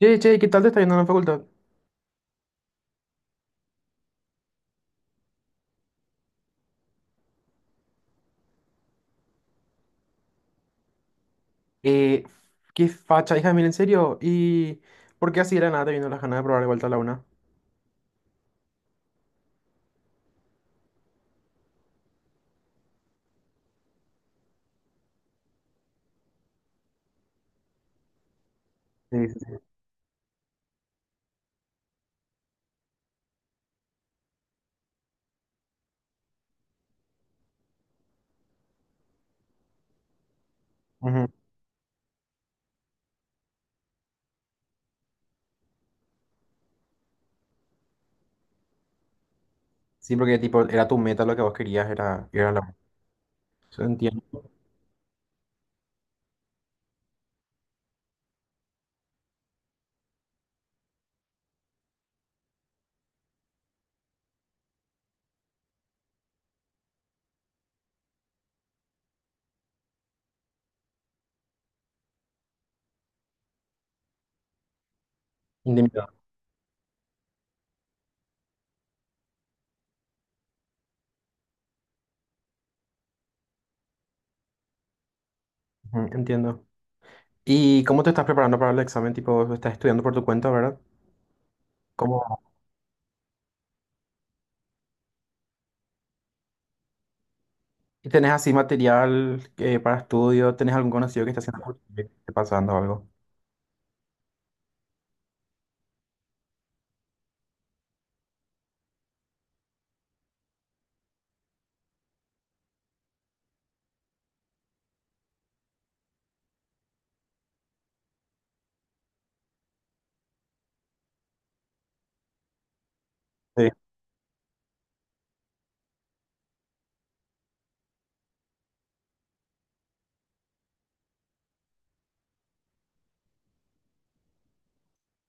Che, che, ¿qué tal te está yendo en la facultad? Eh, Qué facha, hija, mira, en serio. ¿Y por qué así era nada te vino las ganas de probar de vuelta a la una? Sí, sí, sí. Ujú. Sí, porque tipo, era tu meta lo que vos querías, era ir a la una. Eso, entiendo. Indemnidad. Ujú, entiendo. ¿Y cómo te estás preparando para el examen? Tipo, estás estudiando por tu cuenta, ¿verdad? ¿Cómo? ¿Y tenés así material, para estudio? ¿Tenés algún conocido que está haciendo algo? ¿Qué te está pasando o algo? Sí.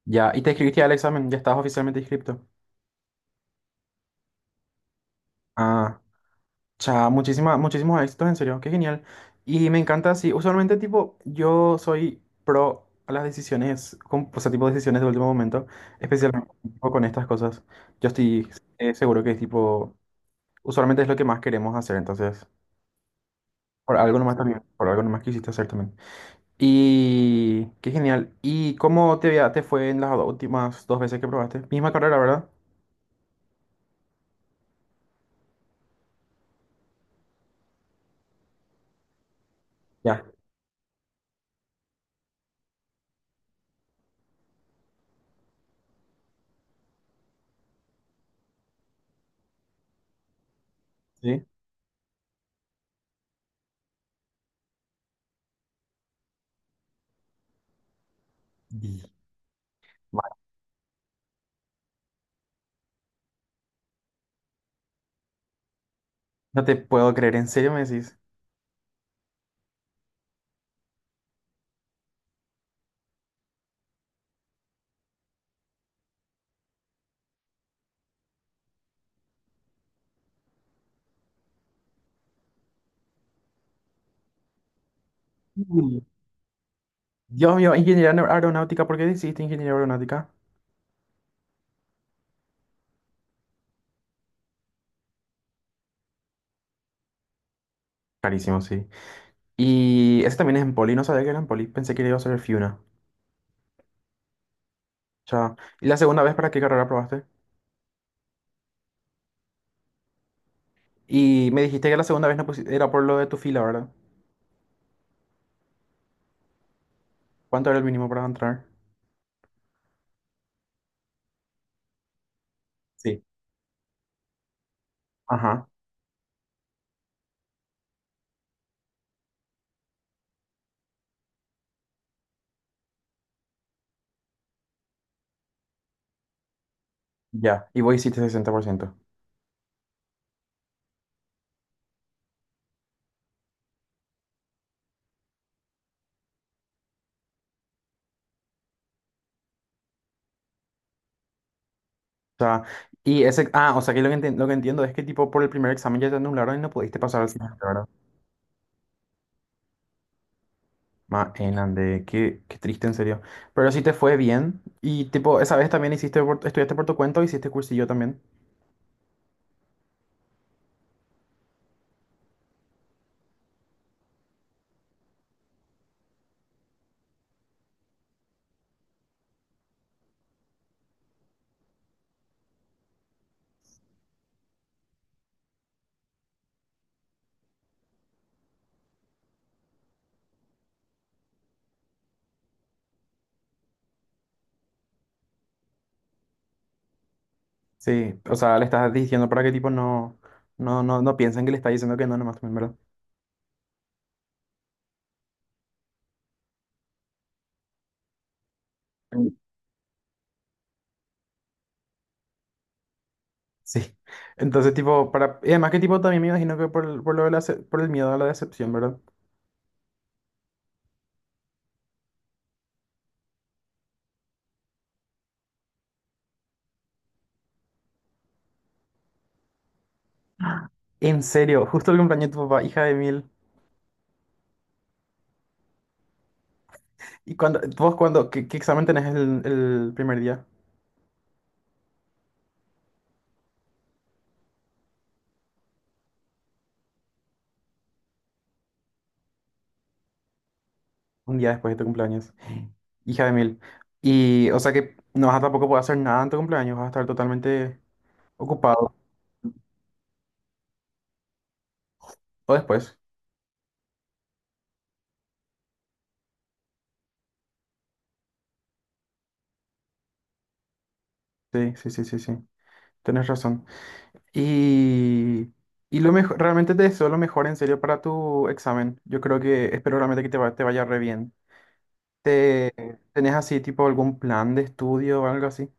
Ya, ¿y te inscribiste al examen? ¿Ya estás oficialmente inscrito? Ah. O sea, muchísimos éxitos, en serio, qué genial. Y me encanta así, usualmente tipo, yo soy pro a las decisiones, o sea, tipo decisiones de último momento, especialmente tipo, con estas cosas. Yo estoy, seguro que tipo, usualmente es lo que más queremos hacer, entonces, por algo nomás también, por algo nomás quisiste hacer también. Y qué genial. ¿Y cómo te, te fue en las últimas dos veces que probaste? Misma carrera, ¿verdad? Ya, sí. Y- Vale. No te puedo creer, ¿en serio me decís? Dios mío, ingeniería aeronáutica, ¿por qué decidiste ingeniería aeronáutica? Carísimo, sí. Y ese también es en Poli, no sabía que era en Poli, pensé que iba a ser el Fiuna. Chao. ¿Y la segunda vez para qué carrera probaste? Y me dijiste que la segunda vez no era por lo de tu fila, ¿verdad? ¿Cuánto era el mínimo para entrar? Sí. Ajá, ya. Y vos hiciste 60%. O sea, y ese, ah, o sea que lo que, lo que entiendo es que tipo por el primer examen ya te anularon y no pudiste pasar al siguiente, ma Mainande, qué, qué triste en serio. Pero sí te fue bien. Y tipo, esa vez también hiciste estudiaste por tu cuenta o hiciste cursillo también. Sí, o sea, le estás diciendo para que tipo no, no, no, no piensen que le estás diciendo que no, nomás también, ¿verdad? Mm. Sí. Entonces, tipo, para. Y además que tipo también me imagino que por, por lo de la por el miedo a la decepción, ¿verdad? En serio, justo el cumpleaños de tu papá, hija de mil. ¿Y cuando, vos cuando, qué, qué examen tenés el primer día? Un día después de tu cumpleaños. Hija de mil. Y, o sea que no vas a tampoco poder hacer nada en tu cumpleaños, vas a estar totalmente ocupado. O después. Sí, sí, sí, sí, sí. Tienes razón. Y, y lo mejor, realmente te deseo lo mejor en serio para tu examen. Yo creo que, espero realmente que te, te vaya re bien. ¿Te, tenés así, tipo, algún plan de estudio o algo así?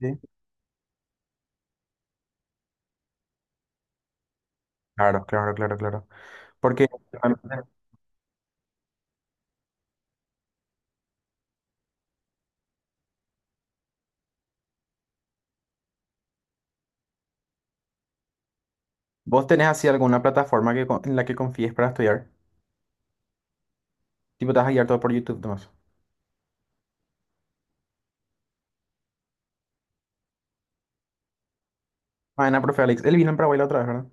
Sí. Claro, claro, claro, claro. Porque realmente, vos tenés así alguna plataforma que, en la que confíes para estudiar. Tipo, te vas a guiar todo por YouTube, nomás. Mañana, profe Alex. Él vino en Paraguay la otra vez, ¿verdad?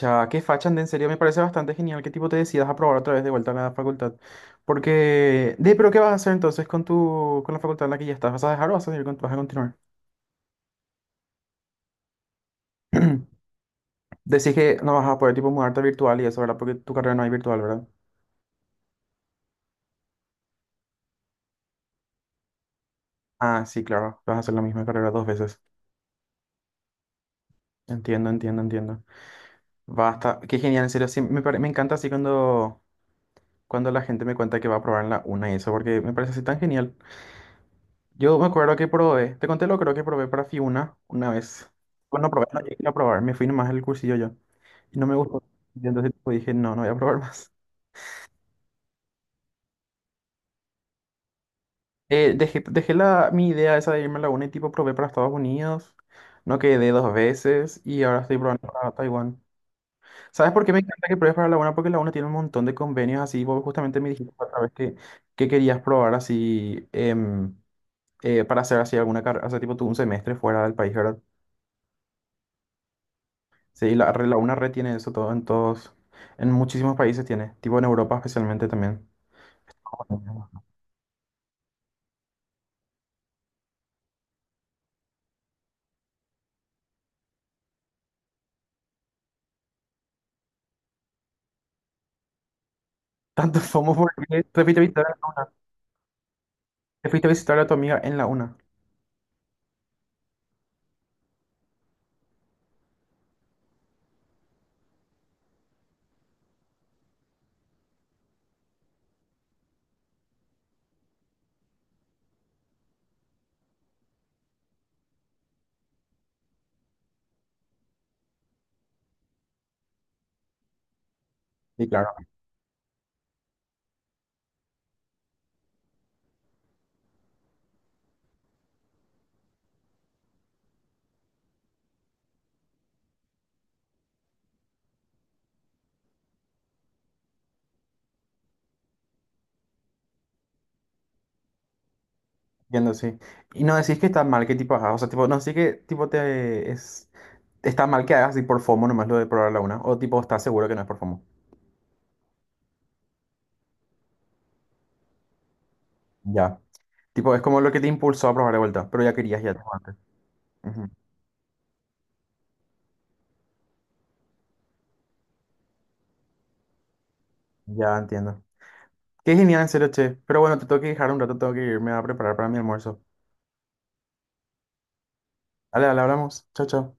Ya, qué facha, Ande, en serio, me parece bastante genial que tipo te decidas a probar otra vez de vuelta a la facultad. Porque, de, pero ¿qué vas a hacer entonces con tu, con la facultad en la que ya estás? ¿Vas a dejar o vas a seguir vas a continuar? Decís que no vas a poder tipo mudarte virtual y eso, ¿verdad? Porque tu carrera no es virtual, ¿verdad? Ah, sí, claro, vas a hacer la misma carrera dos veces. Entiendo, entiendo, entiendo. Basta, qué genial, en serio, sí, me, me encanta así cuando, cuando la gente me cuenta que va a probar en la una y eso, porque me parece así tan genial. Yo me acuerdo que probé, te conté lo creo que probé para Fiuna una vez. Bueno, probé, no llegué a probar, me fui nomás al cursillo yo. Y no me gustó. Y entonces tipo, dije, no, no voy a probar más. Dejé la, mi idea esa de irme a la UNA y tipo probé para Estados Unidos. No quedé dos veces y ahora estoy probando para Taiwán. ¿Sabes por qué me encanta que pruebes para la UNA? Porque la UNA tiene un montón de convenios así. Vos justamente me dijiste otra vez que querías probar así para hacer así alguna carrera, o sea, tipo tú un semestre fuera del país, ¿verdad? Sí, la, la una red tiene eso todo en todos, en muchísimos países tiene, tipo en Europa especialmente también. Tanto FOMO porque te fuiste a visitar, te fuiste a visitar a tu amiga en la una. Sí, claro, entiendo, sí. Y no decís que está mal, que tipo, ajá, o sea, tipo, no sé que tipo te es está mal que hagas así por FOMO nomás lo de probar la una, o tipo, estás seguro que no es por FOMO. Ya. Tipo, es como lo que te impulsó a probar de vuelta, pero ya querías ya tipo, antes. Ujú, ya entiendo. Qué genial, en serio, che. Pero bueno, te tengo que dejar un rato, tengo que irme a preparar para mi almuerzo. Dale, dale, hablamos. Chao, chao.